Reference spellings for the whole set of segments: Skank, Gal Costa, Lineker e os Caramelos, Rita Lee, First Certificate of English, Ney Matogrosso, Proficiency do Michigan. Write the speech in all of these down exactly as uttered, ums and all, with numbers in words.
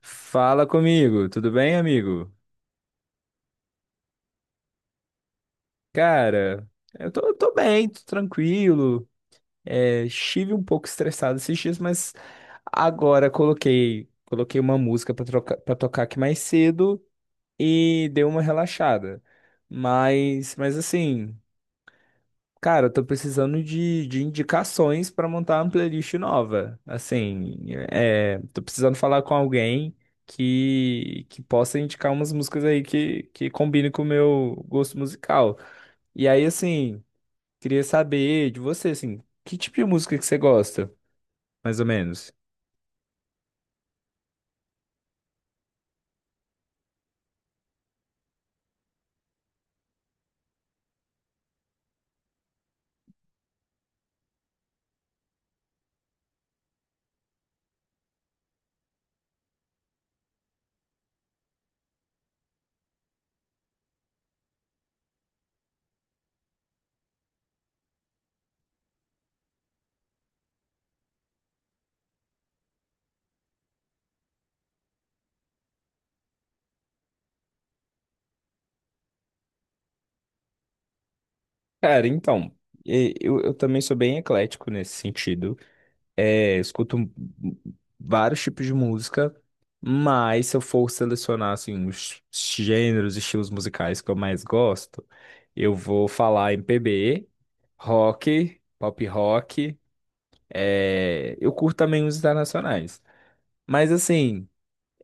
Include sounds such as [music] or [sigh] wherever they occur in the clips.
Fala comigo, tudo bem, amigo? Cara, eu tô, eu tô bem, tô tranquilo. É, estive um pouco estressado esses dias, mas agora coloquei, coloquei uma música pra troca- pra tocar aqui mais cedo e deu uma relaxada. Mas, mas assim. Cara, eu tô precisando de, de indicações pra montar uma playlist nova. Assim, é, tô precisando falar com alguém que, que possa indicar umas músicas aí que, que combinem com o meu gosto musical. E aí, assim, queria saber de você, assim, que tipo de música que você gosta, mais ou menos? Cara, então, e- eu, eu também sou bem eclético nesse sentido. É, eu escuto vários tipos de música, mas se eu for selecionar assim, os gêneros e estilos musicais que eu mais gosto, eu vou falar M P B, rock, pop rock. É, eu curto também os internacionais. Mas assim,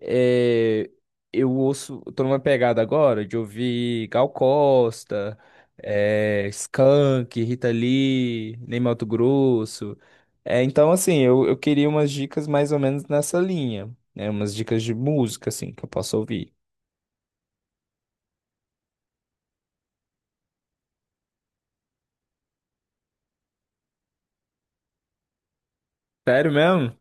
é, eu ouço, eu tô numa pegada agora de ouvir Gal Costa, é, Skank, Rita Lee, Ney Matogrosso. É, então, assim, eu, eu queria umas dicas mais ou menos nessa linha, né? Umas dicas de música, assim, que eu posso ouvir. Sério mesmo?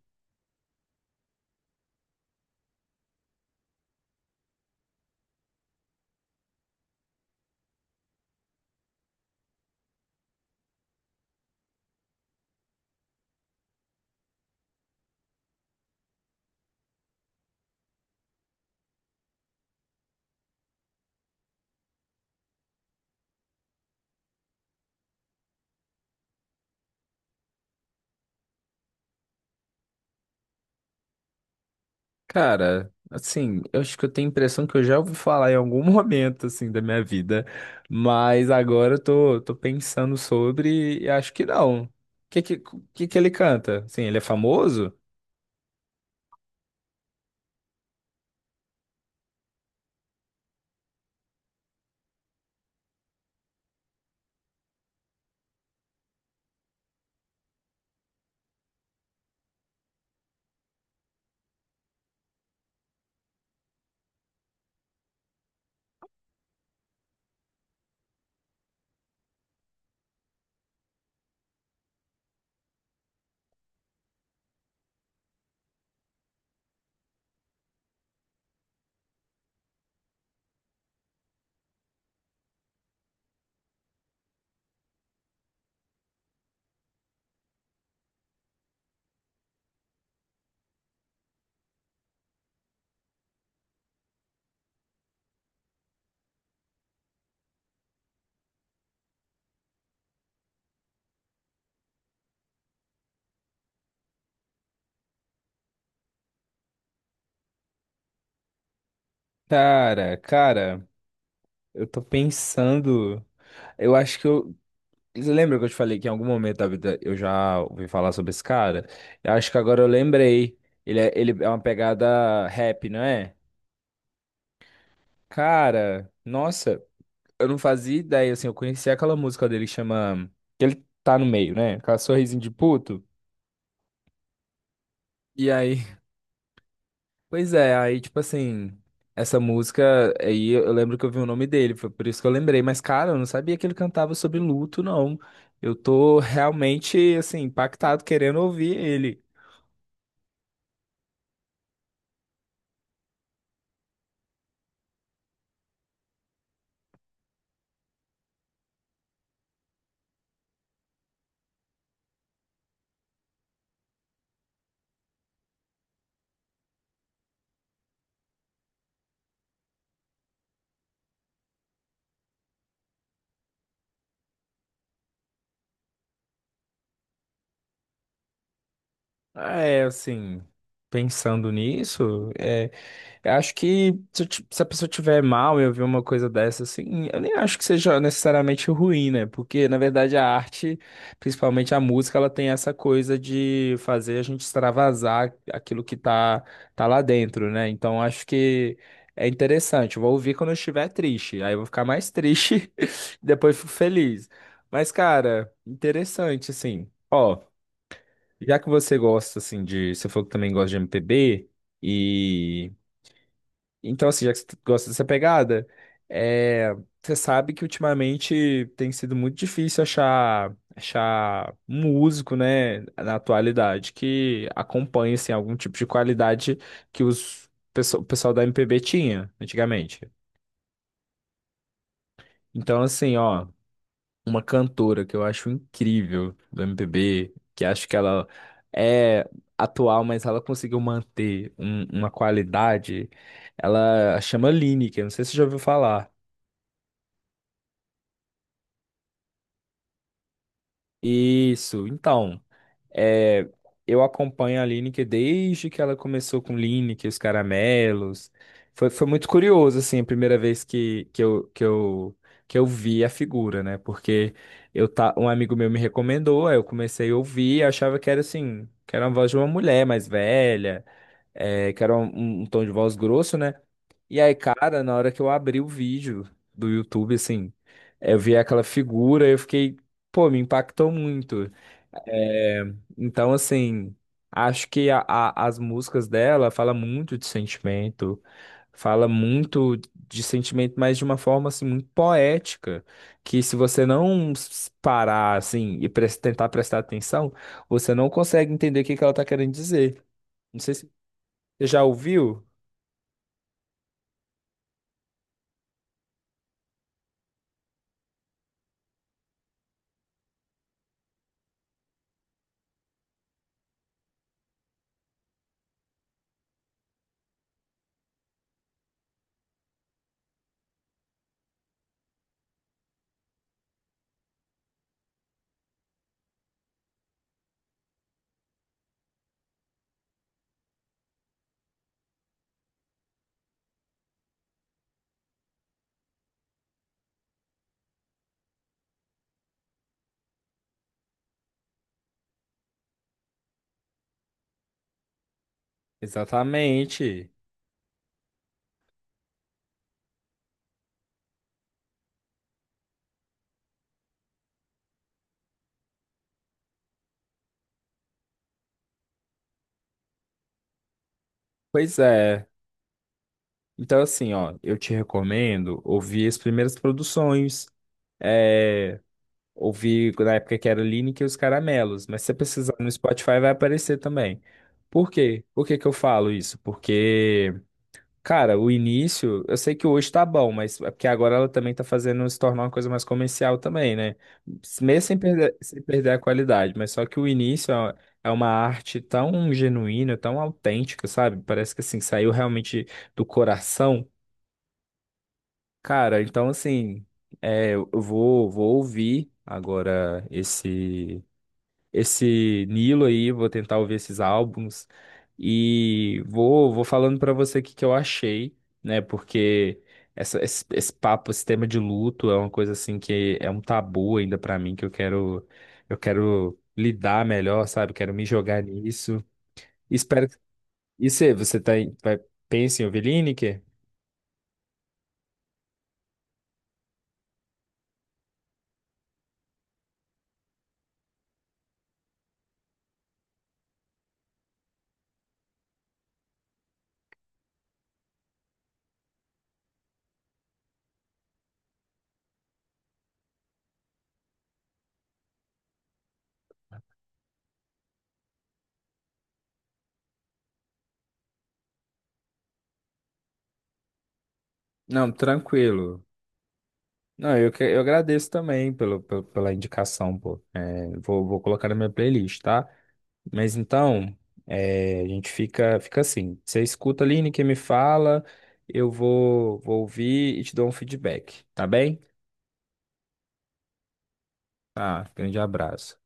Cara, assim, eu acho que eu tenho a impressão que eu já ouvi falar em algum [laughs] momento, assim, da minha vida, mas agora eu tô, tô pensando sobre e acho que não. O que que, que que ele canta? Assim, ele é famoso? Cara, cara, eu tô pensando. Eu acho que eu. Lembra que eu te falei que em algum momento da vida eu já ouvi falar sobre esse cara? Eu acho que agora eu lembrei. Ele é, ele é uma pegada rap, não é? Cara, nossa. Eu não fazia ideia, assim, eu conhecia aquela música dele que chama. Que ele tá no meio, né? Aquela sorrisinho de puto. E aí, [laughs] pois é, aí, tipo assim, essa música, aí eu eu lembro que eu vi o nome dele, foi por isso que eu lembrei. Mas, cara, eu não sabia que ele cantava sobre luto, não. Eu tô realmente, assim, impactado, querendo ouvir ele. É, assim, pensando nisso. é Eu acho que se, eu ti- se a pessoa tiver mal e ouvir uma coisa dessa, assim, eu nem acho que seja necessariamente ruim, né? Porque, na verdade, a arte, principalmente a música, ela tem essa coisa de fazer a gente extravasar aquilo que tá, tá lá dentro, né? Então, acho que é interessante. Eu vou ouvir quando eu estiver triste. Aí eu vou ficar mais triste, [laughs] e depois fico feliz. Mas, cara, interessante, assim. Ó, já que você gosta, assim, de. Você falou que também gosta de M P B. E então, assim, já que você gosta dessa pegada, é, você sabe que ultimamente tem sido muito difícil achar, achar músico, né, na atualidade, que acompanhe, assim, algum tipo de qualidade que os, pesso- o pessoal da M P B tinha antigamente. Então, assim, ó, uma cantora que eu acho incrível do M P B, que acho que ela é atual, mas ela conseguiu manter um- uma qualidade, ela chama Lineker, não sei se você já ouviu falar. Isso, então, é, eu acompanho a Lineker desde que ela começou com Lineker, os caramelos. Foi, foi muito curioso, assim, a primeira vez que, que eu, que eu, que eu vi a figura, né? Porque eu tá, um amigo meu me recomendou, aí eu comecei a ouvir, achava que era assim, que era a voz de uma mulher mais velha é, que era um, um um tom de voz grosso, né? E aí, cara, na hora que eu abri o vídeo do YouTube, assim, é, eu vi aquela figura, eu fiquei, pô, me impactou muito. É, então, assim, acho que a- a- as músicas dela falam muito de sentimento, fala muito de sentimento, mas de uma forma, assim, muito poética, que se você não s- parar, assim, e pres- tentar prestar atenção, você não consegue entender o que que ela tá querendo dizer. Não sei se você já ouviu? Exatamente. Pois é. Então, assim, ó, eu te recomendo ouvir as primeiras produções. É, Ouvir na época que era Lineker e os Caramelos. Mas se você precisar no Spotify, vai aparecer também. Por quê? Por que que eu falo isso? Porque. Cara, o início, eu sei que hoje tá bom, mas é porque agora ela também tá fazendo se tornar uma coisa mais comercial também, né? Mesmo sem perder, sem perder a qualidade, mas só que o início é uma é uma arte tão genuína, tão autêntica, sabe? Parece que assim, saiu realmente do coração. Cara, então assim, é, eu vou, vou ouvir agora esse esse Nilo aí, vou tentar ouvir esses álbuns e vou, vou falando pra você o que que eu achei, né? Porque essa, esse, esse papo, esse tema de luto é uma coisa assim que é um tabu ainda pra mim, que eu quero eu quero lidar melhor, sabe? Quero me jogar nisso. Espero que... E você, você tá, em- vai, pensa em ouvir Lineker? Não, tranquilo. Não, eu, que- eu agradeço também pelo, pelo- pela indicação, pô. É, vou, vou colocar na minha playlist, tá? Mas então, eh, a gente fica, fica assim. Você escuta, Aline, que me fala, eu vou, vou ouvir e te dou um feedback, tá bem? Ah, grande abraço.